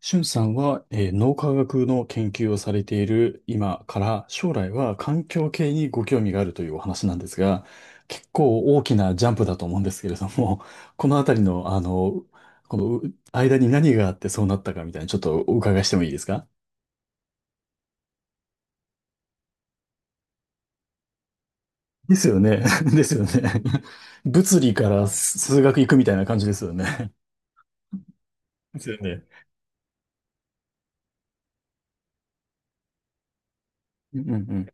しゅんさんは、脳科学の研究をされている今から将来は環境系にご興味があるというお話なんですが、結構大きなジャンプだと思うんですけれども、このあたりの、このう間に何があってそうなったかみたいな、ちょっとお伺いしてもいいですか？ですよね。ですよね。物理から数学行くみたいな感じですよね。ですよね。うんうんうん。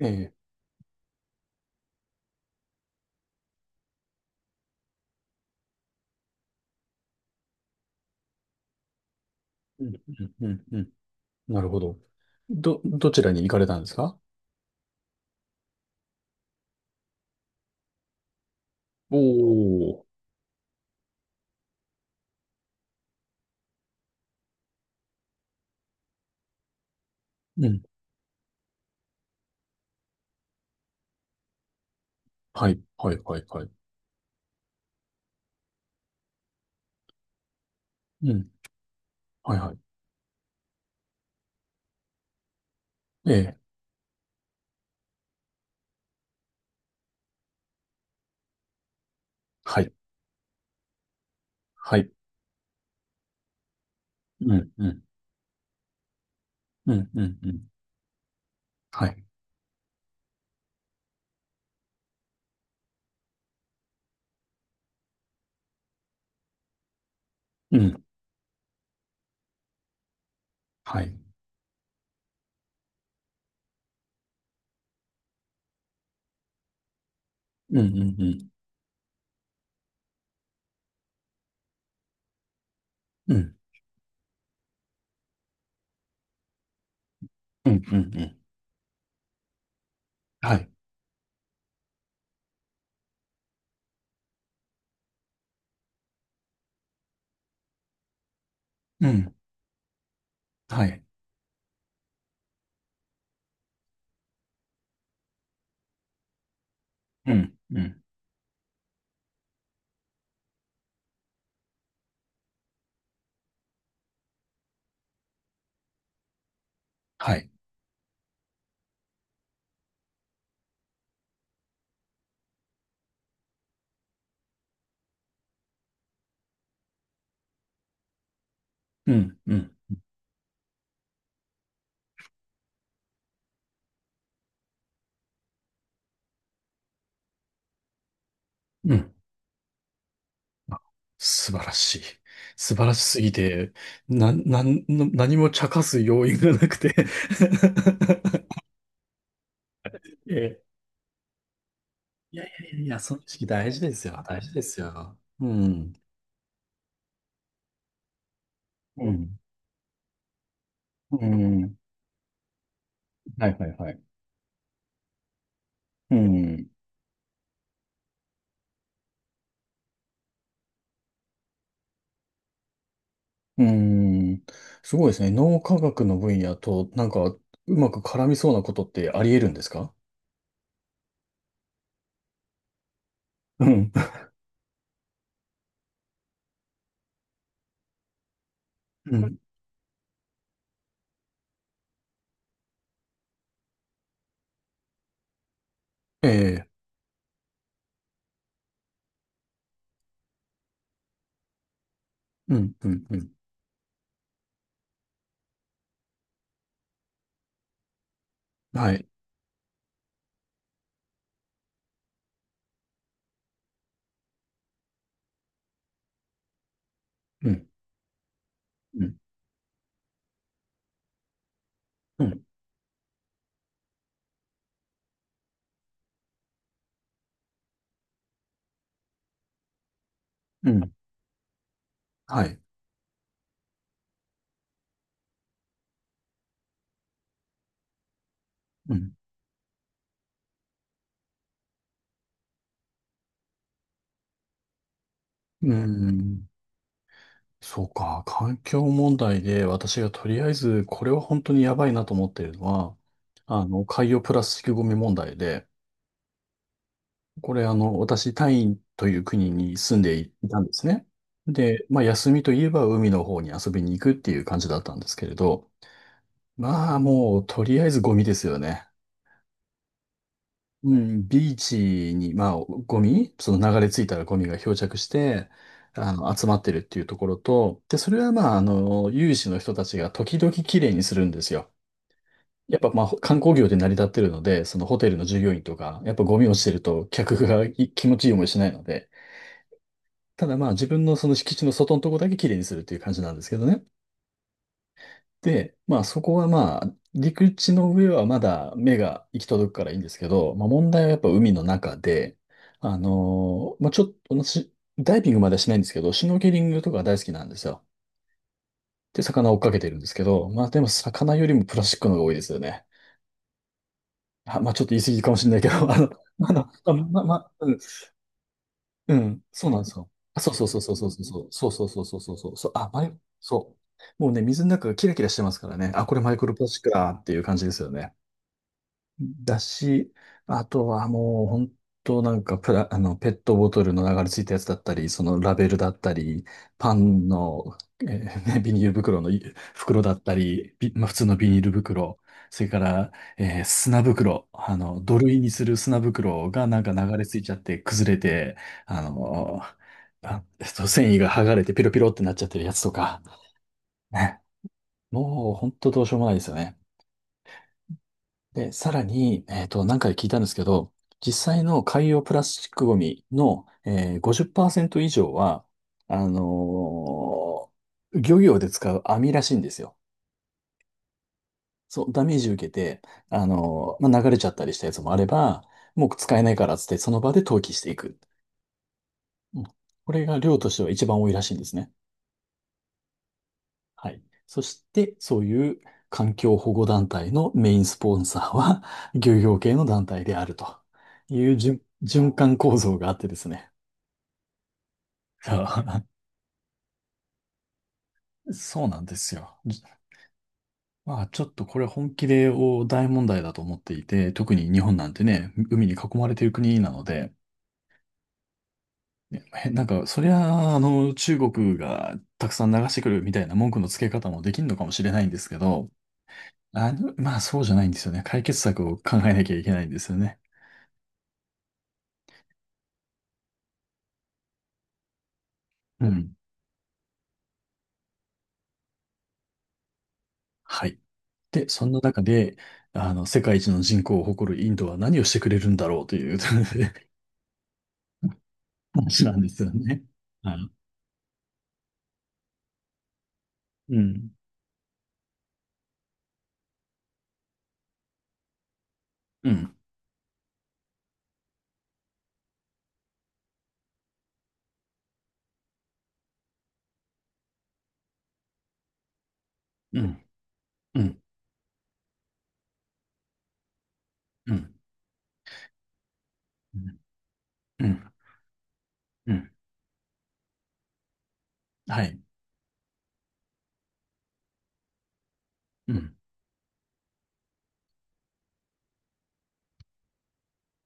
ええ。うんうんうんうん。なるほど。どちらに行かれたんですか？おおー。うん。はい、はい、はい、はい。うん、はい、はい。ええ、はい、はい。うん、うん、うん、うん、うん。はい。うん、はい。うん、うん、うん、うん、うん、うん、うん。はい。うん、はい。うん、うん、はい。うん、うん、うん。素晴らしい。素晴らしすぎて、な、なん、何も茶化す要因がなくて。 ええ、いやいやいやいや、その意識大事ですよ。大事ですよ。うん。うん。うん。はいはいはい。うん。うーん。すごいですね。脳科学の分野と、なんか、うまく絡みそうなことってあり得るんですか？ うん。うん。ええ。うん。うん。うん。はい。うん。うん。うん。うん。はい。うん。うーん。そうか。環境問題で私がとりあえず、これは本当にやばいなと思ってるのは、海洋プラスチックゴミ問題で、これ、私、タイという国に住んでいたんですね。で、まあ、休みといえば海の方に遊びに行くっていう感じだったんですけれど、まあ、もう、とりあえずゴミですよね。うん、ビーチに、まあ、ゴミ、その流れ着いたらゴミが漂着して、集まってるっていうところと、で、それはまあ、有志の人たちが時々きれいにするんですよ。やっぱまあ、観光業で成り立ってるので、そのホテルの従業員とか、やっぱゴミ落ちてると客がい気持ちいい思いしないので、ただまあ自分のその敷地の外のとこだけ綺麗にするっていう感じなんですけどね。で、まあそこはまあ陸地の上はまだ目が行き届くからいいんですけど、まあ問題はやっぱ海の中で、まあちょっと私、ダイビングまではしないんですけど、シュノーケリングとか大好きなんですよ。で、魚を追っかけてるんですけど、まあでも魚よりもプラスチックの方が多いですよね。あ、まあちょっと言い過ぎかもしれないけど、まあ、まあ、まあ、うん。うん、そうなんですよ。あ、そうそうそうそうそうそうそうそうそうそうそうそうそう、あ、そう。もうね、水の中がキラキラしてますからね。あ、これマイクロプラスチックだっていう感じですよね。だし、あとはもう本当なんかプラ、あの、ペットボトルの流れついたやつだったり、そのラベルだったり、パンの、ね。 ビニール袋の袋だったり、まあ、普通のビニール袋、それから、砂袋、土塁にする砂袋がなんか流れついちゃって崩れて、あのあ、繊維が剥がれてピロピロってなっちゃってるやつとか、ね、もう本当どうしようもないですよね。で、さらに、何回か聞いたんですけど、実際の海洋プラスチックゴミの、50%以上は、あのー漁業で使う網らしいんですよ。そう、ダメージ受けて、まあ、流れちゃったりしたやつもあれば、もう使えないからっつって、その場で投棄していく。うん。これが量としては一番多いらしいんですね。はい。そして、そういう環境保護団体のメインスポンサーは、漁業系の団体であるという循環構造があってですね。そう。 そうなんですよ。まあちょっとこれ本気で大問題だと思っていて、特に日本なんてね、海に囲まれている国なので、ねへなんかそりゃ中国がたくさん流してくるみたいな文句のつけ方もできるのかもしれないんですけど、まあそうじゃないんですよね。解決策を考えなきゃいけないんですよね。うん。はい。で、そんな中で、世界一の人口を誇るインドは何をしてくれるんだろうという、 話なんですよね。はい。うん。うん。うん。うん。うん。うん。うん。うん。はい。うん。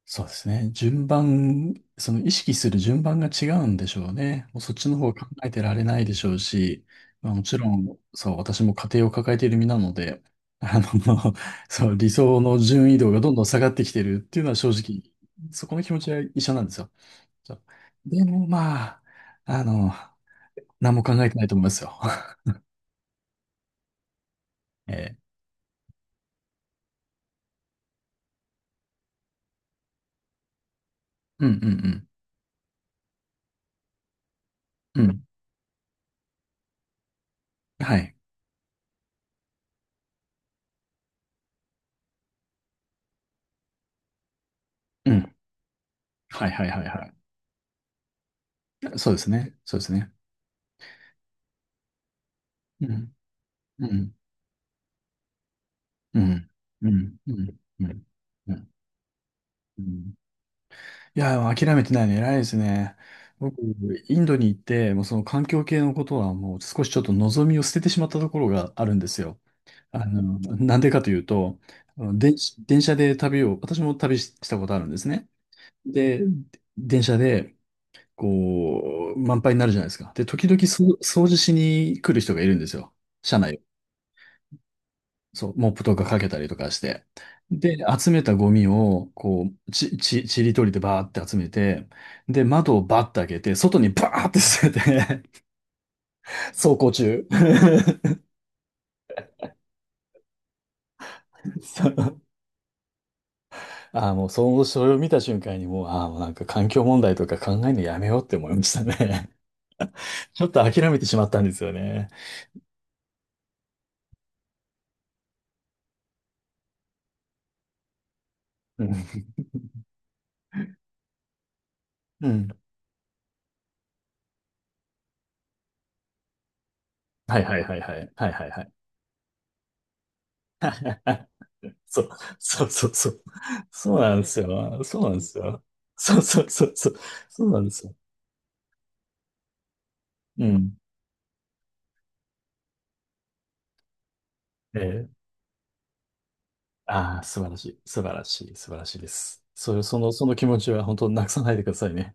そうですね。順番、その意識する順番が違うんでしょうね。もうそっちの方考えてられないでしょうし、まあ、もちろん、そう、私も家庭を抱えている身なので、あの、そう、理想の順位度がどんどん下がってきてるっていうのは正直、そこの気持ちは一緒なんですよ。そう。でもまあ、あの、何も考えてないと思いますよ。えー、うんうんうん。うん。はい。うん。はいはいはいはい。そうですね。そうですね。うん。うんうん。うん。うん。うん。うんうん。いや、でも諦めてないの偉いですね。僕、インドに行って、もうその環境系のことはもう少しちょっと望みを捨ててしまったところがあるんですよ。なんでかというと、あの電、電車で旅を、私も旅したことあるんですね。で、電車で、こう、満杯になるじゃないですか。で、時々、掃除しに来る人がいるんですよ。車内を。そう、モップとかかけたりとかして。で、集めたゴミを、こう、ちりとりでバーって集めて、で、窓をバッて開けて、外にバーって捨てて、走行中。そう。ああ、もう、その、それを見た瞬間にもう、ああ、もうなんか環境問題とか考えるのやめようって思いましたね。ちょっと諦めてしまったんですよね。うん。うん。はいはいはいはい。はいはいはい。あ。そう、そうそうそう。そうなんですよ。そうなんですよ。そうそうそうそう。そうなんですよ。うん。ええ。ああ、素晴らしい。素晴らしい。素晴らしいです。それ、その、その気持ちは本当なくさないでくださいね。